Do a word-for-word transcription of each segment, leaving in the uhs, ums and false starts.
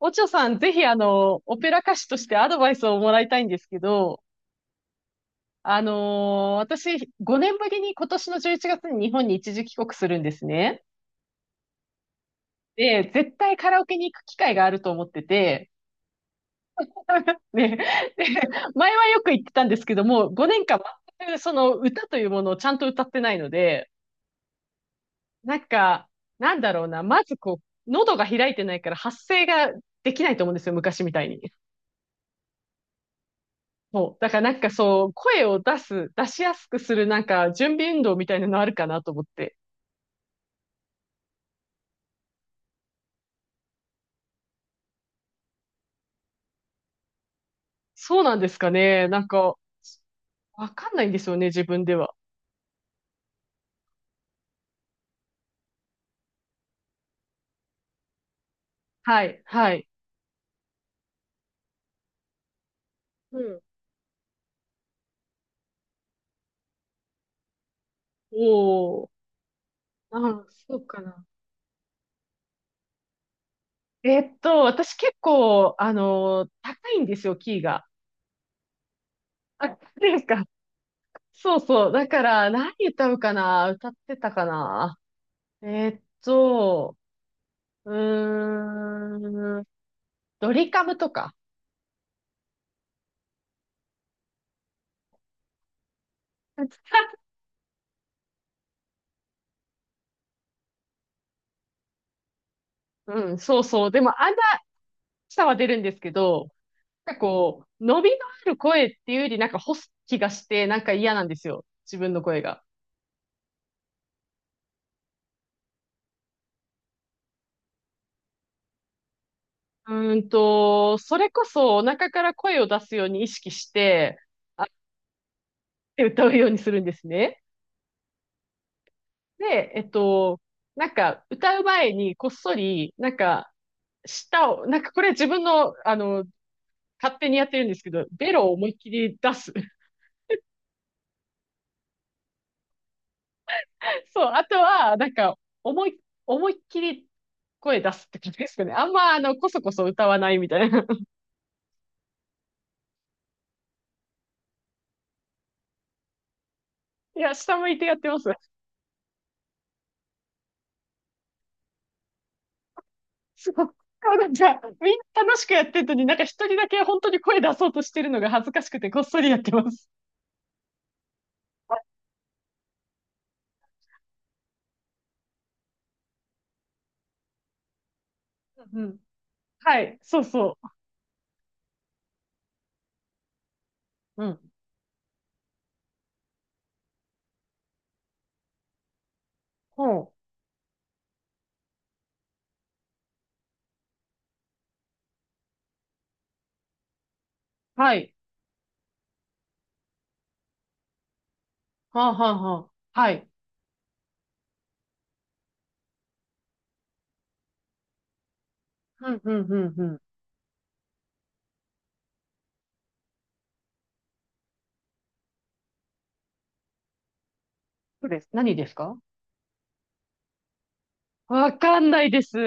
おちょさん、ぜひ、あの、オペラ歌手としてアドバイスをもらいたいんですけど、あのー私、ごねんぶりに今年のじゅういちがつに日本に一時帰国するんですね。で、絶対カラオケに行く機会があると思ってて、ね、で、前はよく言ってたんですけども、ごねんかん全くその歌というものをちゃんと歌ってないので、なんか、なんだろうな、まずこう、喉が開いてないから発声ができないと思うんですよ、昔みたいに。そう。だからなんかそう、声を出す、出しやすくするなんか準備運動みたいなのあるかなと思って。そうなんですかね。なんか、わかんないんですよね、自分では。はい、はい。うん。おー。あ、そうかな。えっと、私結構、あのー高いんですよ、キーが。あ、ですか。そうそう。だから、何歌うかな、歌ってたかな。えっと、うーん、ドリカムとか。うん、そうそう。でも、あんさは出るんですけど、なんかこう、伸びのある声っていうよりなんか干す気がして、なんか嫌なんですよ。自分の声が。うーんと、それこそお腹から声を出すように意識して、あって歌うようにするんですね。で、えっと、なんか歌う前にこっそり、なんか、舌を、なんかこれ自分の、あの、勝手にやってるんですけど、ベロを思いっきり出す。そう、あとは、なんか、思い、思いっきり声出すって感じですかね。あんま、あの、こそこそ歌わないみたいな。いや、下向いてやってます。そう。なんか、みんな楽しくやってるのに、なんか一人だけ本当に声出そうとしてるのが恥ずかしくて、こっそりやってます。うん。はい。そうそう。うん。ほう。はい。はあ、はあ、はあ。はい。うん、うん、うん、うん。そうです。何ですか？わかんないです。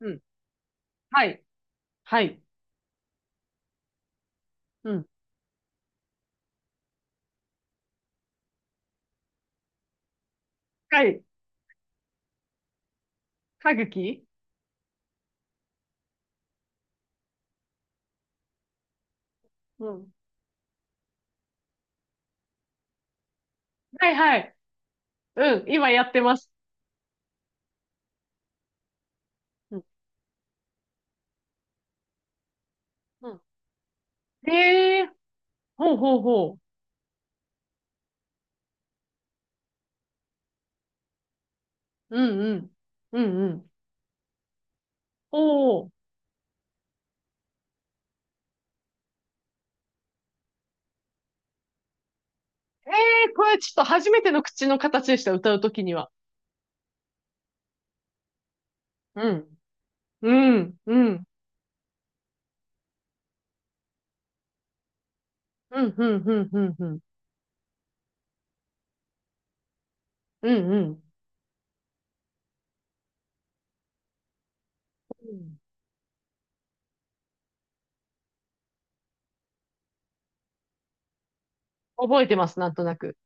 うん。はい。はい。うん。はい。歯茎。うん。はいはい。うん、今やってます。うん、うん。ええ、ほうほうほう。うんうん。うんうん。おー。ええ、これちょっと初めての口の形でした、歌うときには。うん。うん、うん、うん、うん、うん、うん、うん、うん、うん。覚えてます、なんとなく。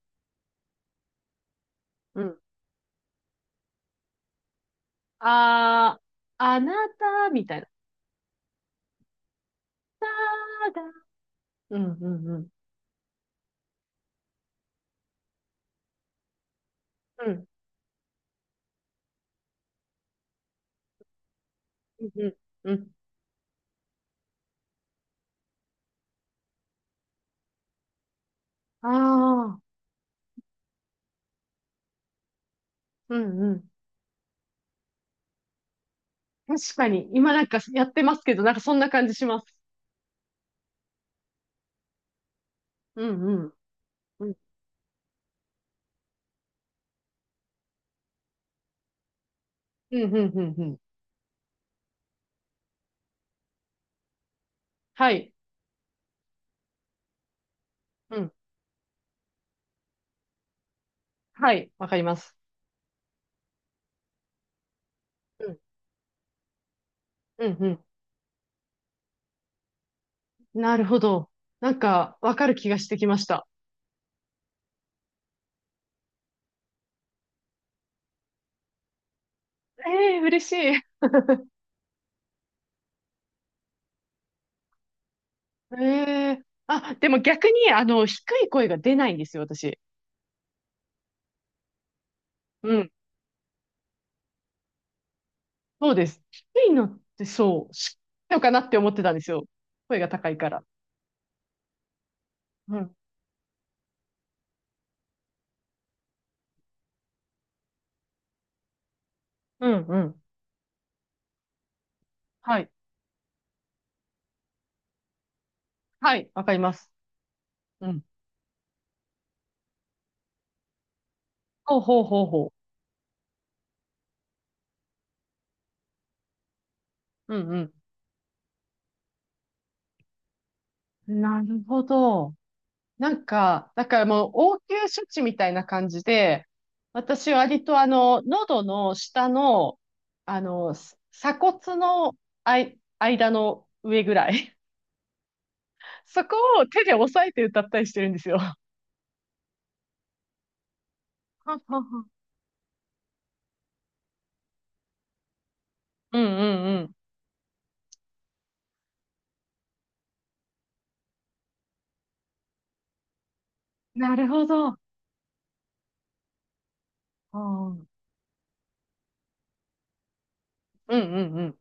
うん。あー、あなた、みたいな。ただ、うん、うん、うん。うん、うん、うん。うん、ああー、うん、うん。確かに、今なんかやってますけど、なんかそんな感じします。うん、うん。うん、うん、うん、うん、うん。はい。うん。はい。わかります。うん、うん、うん。なるほど。なんか、わかる気がしてきました。ええ、嬉しい。ええ、あ、でも逆に、あの、低い声が出ないんですよ、私。うん。そうです。低いのってそう、低いのかなって思ってたんですよ。声が高いから。うん。うん、うん。はい。はい。わかります。うん。ほうほうほうほう。うん、うん。なるほど。なんか、だからもう応急処置みたいな感じで、私割とあの、喉の下の、あの、す鎖骨のあい、間の上ぐらい。そこを手で押さえて歌ったりしてるんですよ。ははは。うんうんうん。なるほど。うん。うんうんうん。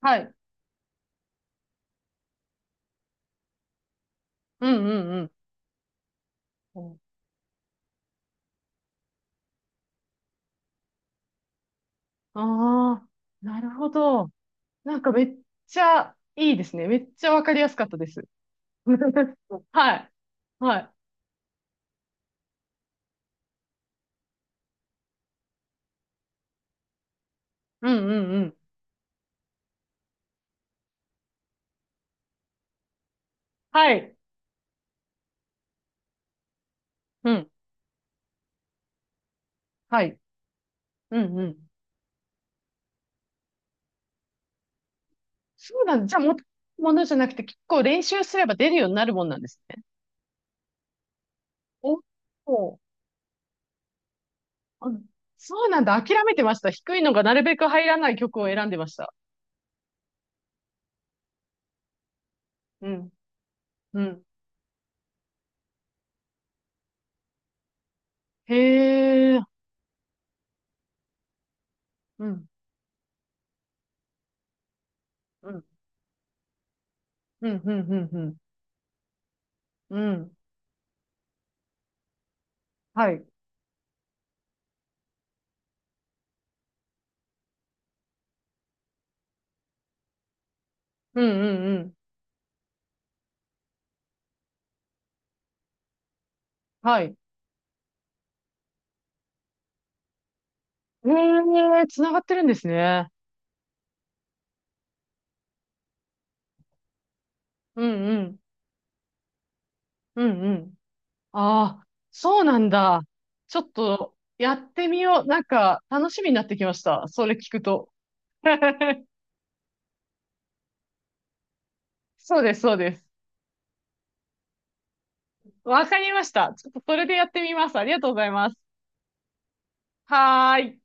はい。うんうんうん。ああ、なるほど。なんかめっちゃいいですね。めっちゃわかりやすかったです。はい。はい。うんうんうん。はい。うん。はい。うんうん。そうなんだ。じゃあ、もとものじゃなくて、結構練習すれば出るようになるもんなんですね。おお。あ、そうなんだ。諦めてました。低いのがなるべく入らない曲を選んでました。うん。うん。へえ。うん。うん。うん。うん。うん。うん。うん、はい。うん。うん。うん。はい。へえ、つながってるんですね。うん。うん。うん。うん。ああ、そうなんだ。ちょっとやってみよう。なんか楽しみになってきました。それ聞くと。そうです、そうです。わかりました。ちょっとそれでやってみます。ありがとうございます。はーい。